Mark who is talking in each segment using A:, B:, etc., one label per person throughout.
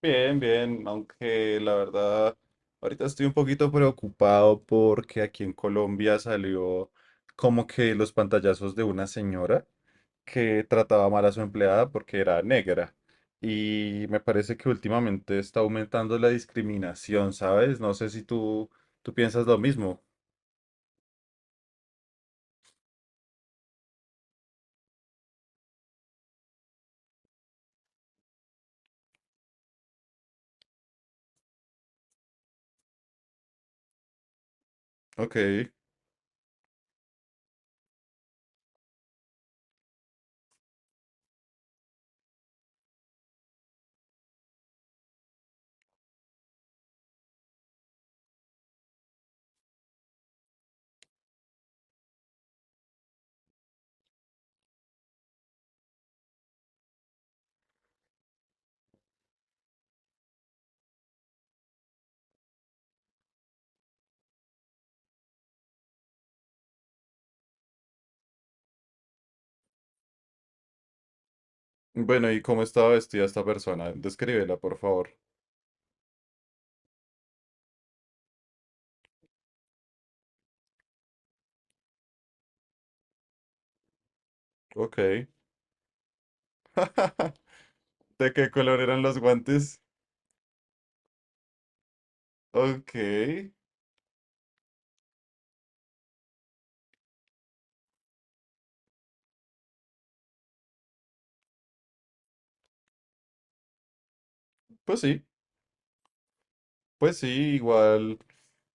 A: Bien, bien, aunque la verdad ahorita estoy un poquito preocupado porque aquí en Colombia salió como que los pantallazos de una señora que trataba mal a su empleada porque era negra. Y me parece que últimamente está aumentando la discriminación, ¿sabes? No sé si tú, tú piensas lo mismo. Ok. Bueno, ¿y cómo estaba vestida esta persona? Descríbela, por favor. Ok. ¿De qué color eran los guantes? Ok. Pues sí. Pues sí, igual.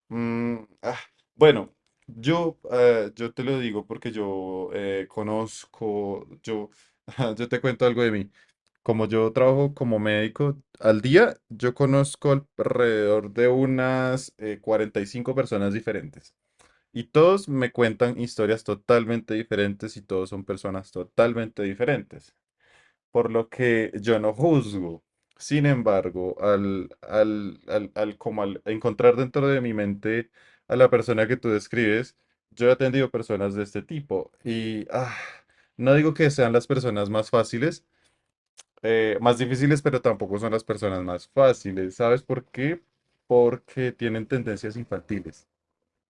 A: mm, ah, bueno, yo, yo te lo digo porque yo conozco, yo, yo te cuento algo de mí. Como yo trabajo como médico al día, yo conozco alrededor de unas 45 personas diferentes. Y todos me cuentan historias totalmente diferentes y todos son personas totalmente diferentes por lo que yo no juzgo. Sin embargo, como al encontrar dentro de mi mente a la persona que tú describes, yo he atendido personas de este tipo y no digo que sean las personas más fáciles, más difíciles, pero tampoco son las personas más fáciles. ¿Sabes por qué? Porque tienen tendencias infantiles.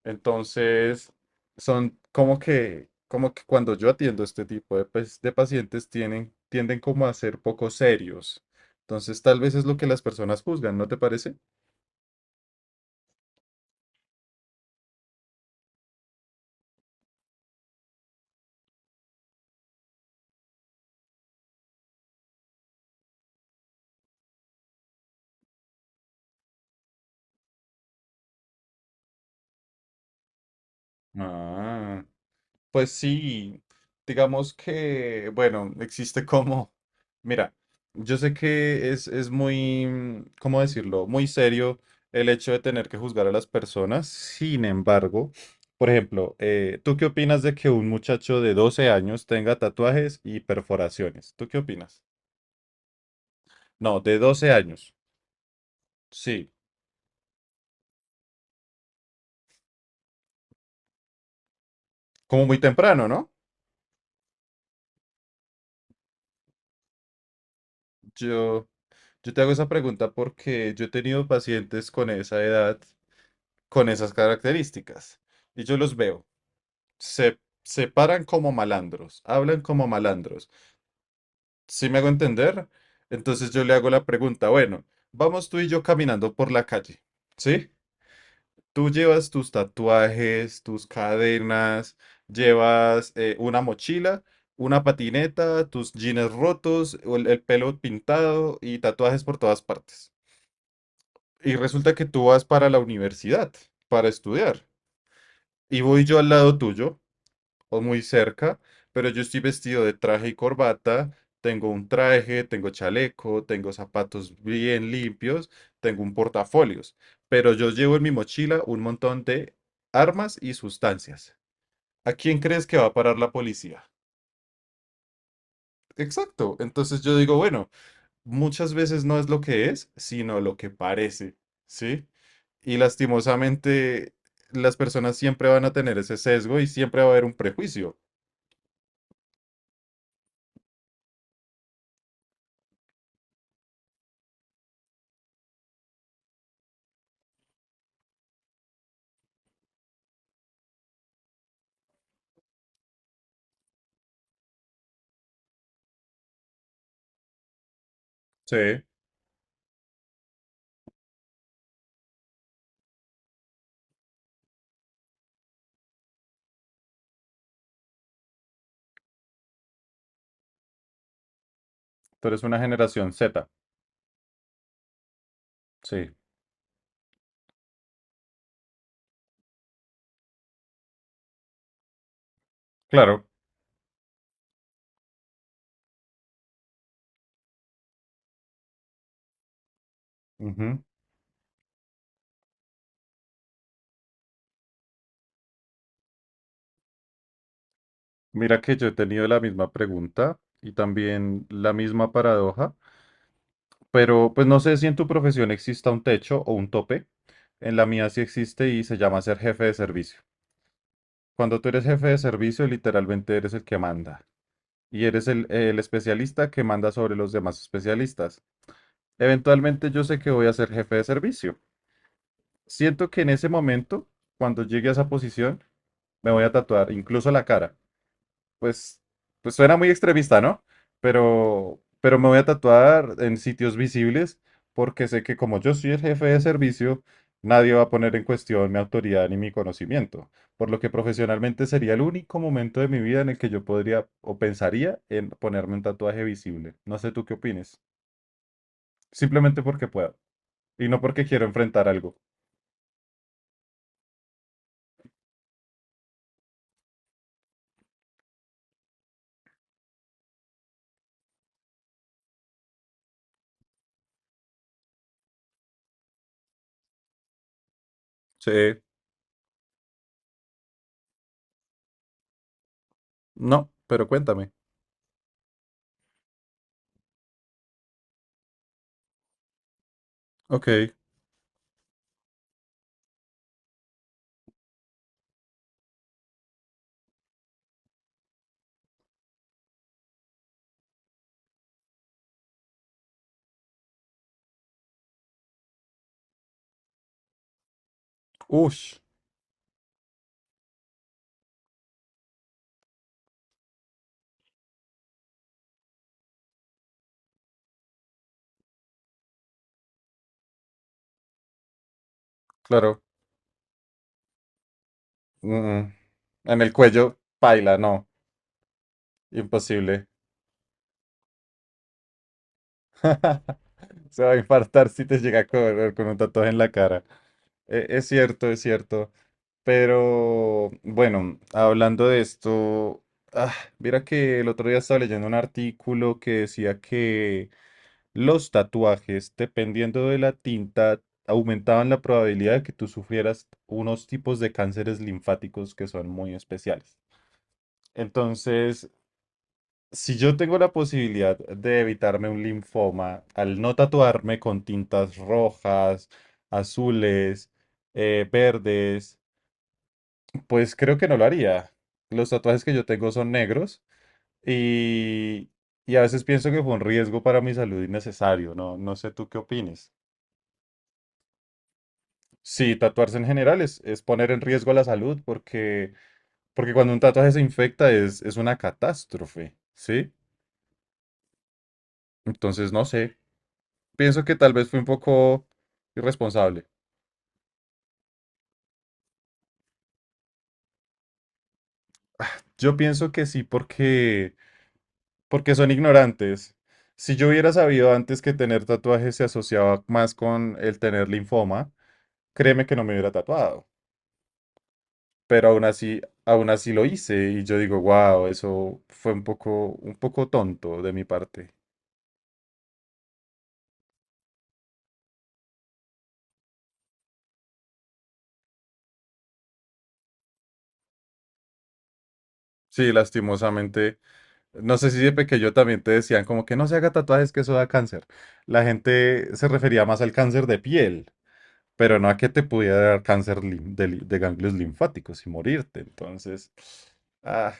A: Entonces, son como que cuando yo atiendo este tipo de, pues, de pacientes tienen, tienden como a ser poco serios. Entonces, tal vez es lo que las personas juzgan, ¿no te parece? Ah. Pues sí, digamos que, bueno, existe como, mira, yo sé que es muy, ¿cómo decirlo? Muy serio el hecho de tener que juzgar a las personas. Sin embargo, por ejemplo, ¿tú qué opinas de que un muchacho de 12 años tenga tatuajes y perforaciones? ¿Tú qué opinas? No, de 12 años. Sí, como muy temprano, ¿no? Yo, yo te hago esa pregunta porque yo he tenido pacientes con esa edad con esas características. Y yo los veo. Se paran como malandros, hablan como malandros. ¿Sí me hago entender? Entonces yo le hago la pregunta, bueno, vamos tú y yo caminando por la calle, ¿sí? Tú llevas tus tatuajes, tus cadenas, llevas una mochila, una patineta, tus jeans rotos, o el pelo pintado y tatuajes por todas partes. Y resulta que tú vas para la universidad, para estudiar. Y voy yo al lado tuyo o muy cerca, pero yo estoy vestido de traje y corbata, tengo un traje, tengo chaleco, tengo zapatos bien limpios, tengo un portafolios, pero yo llevo en mi mochila un montón de armas y sustancias. ¿A quién crees que va a parar la policía? Exacto, entonces yo digo, bueno, muchas veces no es lo que es, sino lo que parece, ¿sí? Y lastimosamente las personas siempre van a tener ese sesgo y siempre va a haber un prejuicio. Sí, tú eres una generación Z. Sí, claro. Ujú. Mira que yo he tenido la misma pregunta y también la misma paradoja, pero pues no sé si en tu profesión exista un techo o un tope. En la mía sí existe y se llama ser jefe de servicio. Cuando tú eres jefe de servicio, literalmente eres el que manda. Y eres el especialista que manda sobre los demás especialistas. Eventualmente yo sé que voy a ser jefe de servicio. Siento que en ese momento, cuando llegue a esa posición, me voy a tatuar incluso la cara pues, pues suena muy extremista, ¿no? Pero me voy a tatuar en sitios visibles porque sé que como yo soy el jefe de servicio, nadie va a poner en cuestión mi autoridad ni mi conocimiento, por lo que profesionalmente sería el único momento de mi vida en el que yo podría o pensaría en ponerme un tatuaje visible. No sé tú qué opines. Simplemente porque puedo y no porque quiero enfrentar algo. Sí, no, pero cuéntame. Ok, ush, claro. Mm. En el cuello, paila, no. Imposible. Se va a infartar si te llega a correr con un tatuaje en la cara. E- es cierto, es cierto. Pero bueno, hablando de esto, ah, mira que el otro día estaba leyendo un artículo que decía que los tatuajes, dependiendo de la tinta, aumentaban la probabilidad de que tú sufrieras unos tipos de cánceres linfáticos que son muy especiales. Entonces, si yo tengo la posibilidad de evitarme un linfoma al no tatuarme con tintas rojas, azules, verdes, pues creo que no lo haría. Los tatuajes que yo tengo son negros y, y a veces pienso que fue un riesgo para mi salud innecesario, ¿no? No sé tú qué opines. Sí, tatuarse en general es poner en riesgo la salud porque, porque cuando un tatuaje se infecta es una catástrofe, ¿sí? Entonces, no sé. Pienso que tal vez fue un poco irresponsable. Yo pienso que sí, porque, porque son ignorantes. Si yo hubiera sabido antes que tener tatuajes se asociaba más con el tener linfoma, créeme que no me hubiera tatuado. Pero aún así lo hice y yo digo, wow, eso fue un poco tonto de mi parte. Sí, lastimosamente. No sé si de pequeño también te decían como que no se haga tatuajes que eso da cáncer. La gente se refería más al cáncer de piel. Pero no a que te pudiera dar cáncer de ganglios linfáticos y morirte. Entonces, ah,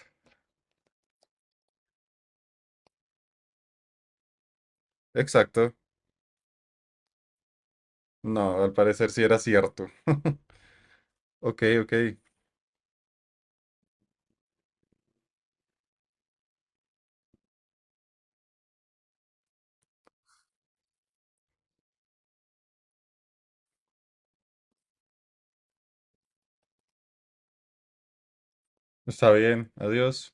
A: exacto. No, al parecer sí era cierto. Ok, ok. Está bien. Adiós.